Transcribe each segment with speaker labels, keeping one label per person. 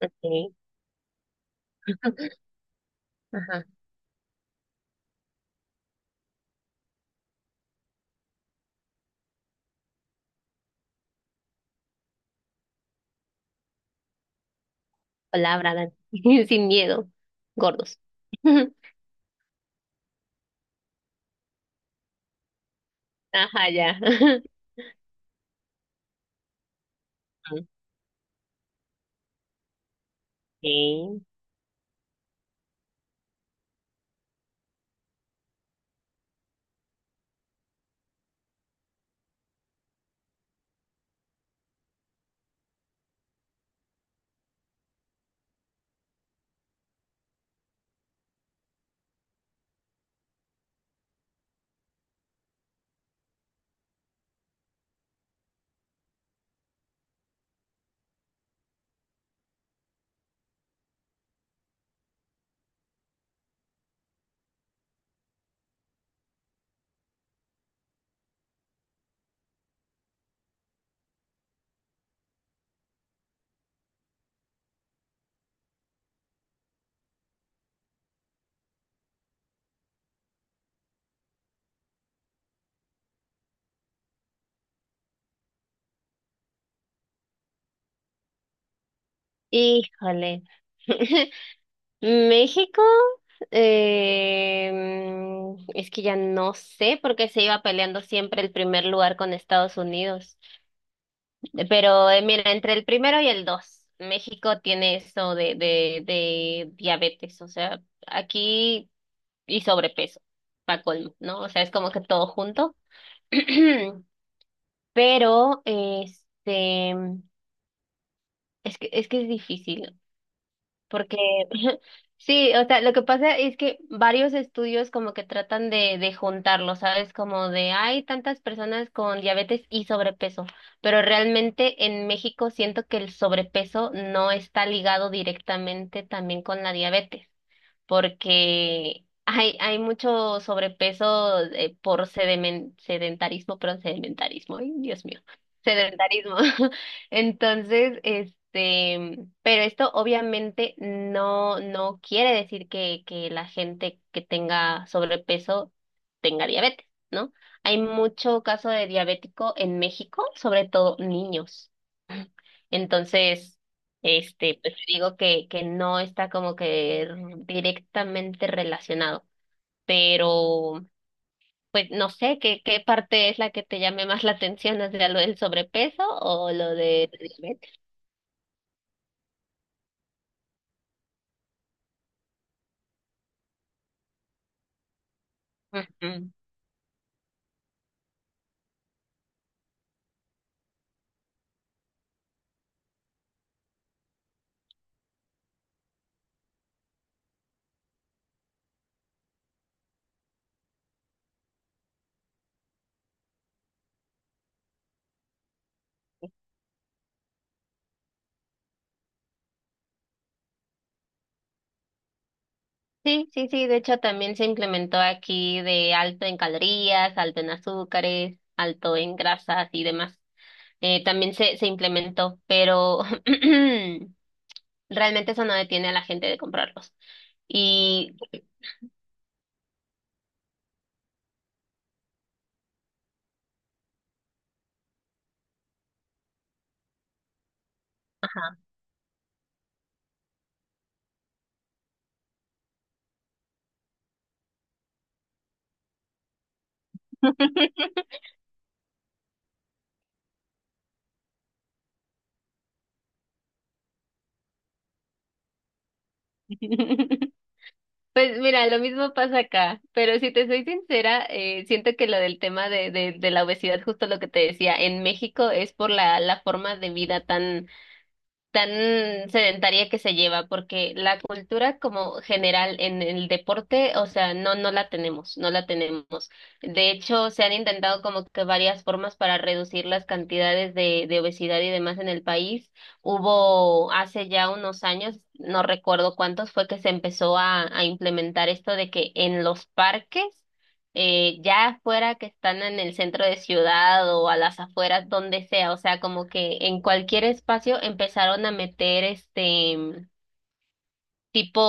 Speaker 1: Okay. Ajá. Palabra, Dani. Sin miedo. Gordos. Ajá, ya. Ok. Híjole. México, es que ya no sé por qué se iba peleando siempre el primer lugar con Estados Unidos. Pero mira, entre el primero y el dos, México tiene eso de diabetes, o sea, aquí y sobrepeso, para colmo, ¿no? O sea, es como que todo junto. Pero, este, es que es difícil, porque sí, o sea, lo que pasa es que varios estudios como que tratan de juntarlo, ¿sabes? Como de hay tantas personas con diabetes y sobrepeso, pero realmente en México siento que el sobrepeso no está ligado directamente también con la diabetes porque hay mucho sobrepeso por sedentarismo, perdón, sedentarismo, ay, Dios mío, sedentarismo. Entonces, este, pero esto obviamente no quiere decir que la gente que tenga sobrepeso tenga diabetes, ¿no? Hay mucho caso de diabético en México, sobre todo niños. Entonces, este, pues digo que no está como que directamente relacionado, pero pues no sé qué parte es la que te llame más la atención, o sea, lo del sobrepeso o lo de la diabetes. Ujú. Sí, sí, sí, de hecho también se implementó aquí de alto en calorías, alto en azúcares, alto en grasas y demás. También se implementó, pero realmente eso no detiene a la gente de comprarlos. Y pues mira, lo mismo pasa acá, pero si te soy sincera, siento que lo del tema de la obesidad, justo lo que te decía, en México es por la forma de vida tan. Tan sedentaria que se lleva, porque la cultura como general en el deporte, o sea, no, no la tenemos, no la tenemos. De hecho, se han intentado como que varias formas para reducir las cantidades de obesidad y demás en el país. Hubo hace ya unos años, no recuerdo cuántos, fue que se empezó a implementar esto de que en los parques ya fuera que están en el centro de ciudad o a las afueras, donde sea, o sea, como que en cualquier espacio empezaron a meter este tipo,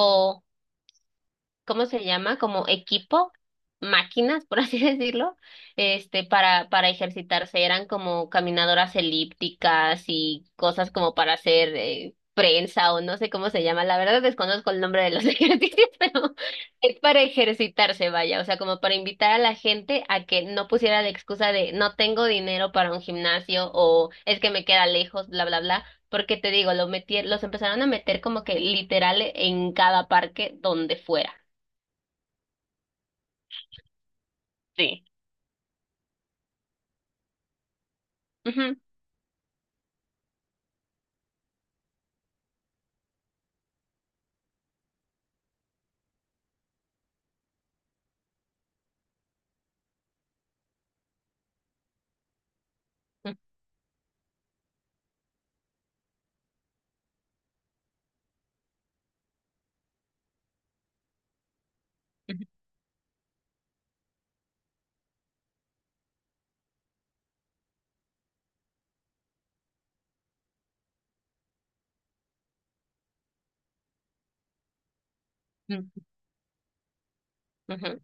Speaker 1: ¿cómo se llama? Como equipo, máquinas, por así decirlo, este, para ejercitarse. Eran como caminadoras elípticas y cosas como para hacer prensa o no sé cómo se llama. La verdad desconozco el nombre de los ejercicios, pero es para ejercitarse, vaya. O sea, como para invitar a la gente a que no pusiera la excusa de no tengo dinero para un gimnasio o es que me queda lejos, bla, bla, bla. Porque te digo, lo metí, los empezaron a meter como que literal en cada parque donde fuera. Sí. Ujú, ujú, ujú, ujú,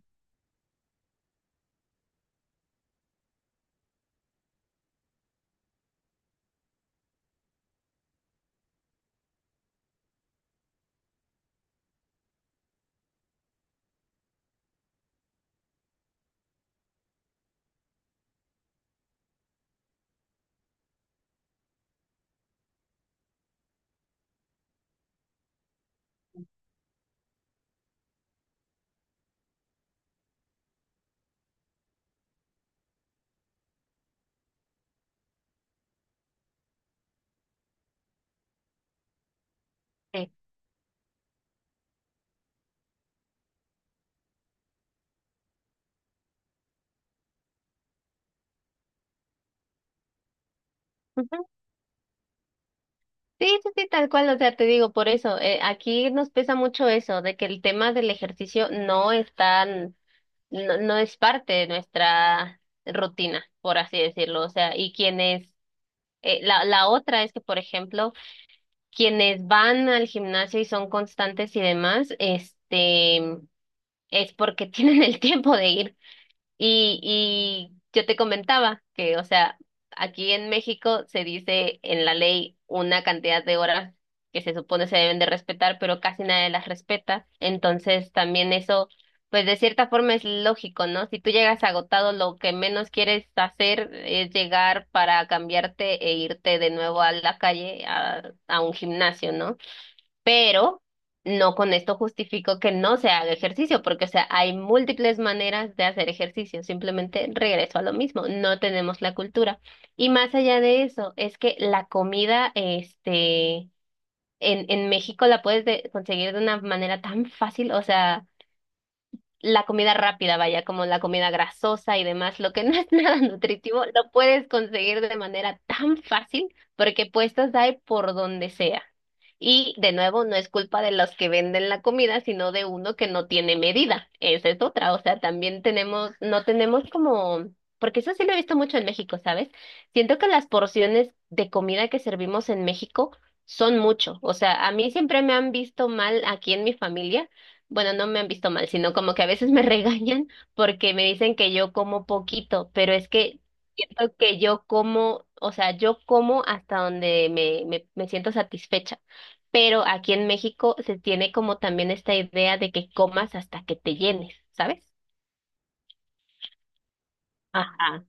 Speaker 1: sí, ujú. Sí, sí, sí, tal cual, o sea, te digo, por eso, aquí nos pesa mucho eso, de que el tema del ejercicio no es tan, no, no es parte de nuestra rutina, por así decirlo, o sea, y quienes, la otra es que, por ejemplo, quienes van al gimnasio y son constantes y demás, este, es porque tienen el tiempo de ir. Y yo te comentaba que, o sea, aquí en México se dice en la ley una cantidad de horas que se supone se deben de respetar, pero casi nadie las respeta. Entonces también eso, pues de cierta forma es lógico, ¿no? Si tú llegas agotado, lo que menos quieres hacer es llegar para cambiarte e irte de nuevo a la calle, a un gimnasio, ¿no? Pero no con esto justifico que no se haga ejercicio, porque, o sea, hay múltiples maneras de hacer ejercicio, simplemente regreso a lo mismo, no tenemos la cultura. Y más allá de eso, es que la comida, este, en México la puedes conseguir de una manera tan fácil, o sea la comida rápida, vaya, como la comida grasosa y demás, lo que no es nada nutritivo, lo puedes conseguir de manera tan fácil porque puestas hay por donde sea. Y de nuevo, no es culpa de los que venden la comida, sino de uno que no tiene medida. Esa es otra. O sea, también tenemos, no tenemos como, porque eso sí lo he visto mucho en México, ¿sabes? Siento que las porciones de comida que servimos en México son mucho. O sea, a mí siempre me han visto mal aquí en mi familia, bueno, no me han visto mal, sino como que a veces me regañan porque me dicen que yo como poquito, pero es que siento que yo como, o sea, yo como hasta donde me siento satisfecha. Pero aquí en México se tiene como también esta idea de que comas hasta que te llenes, ¿sabes? Ajá.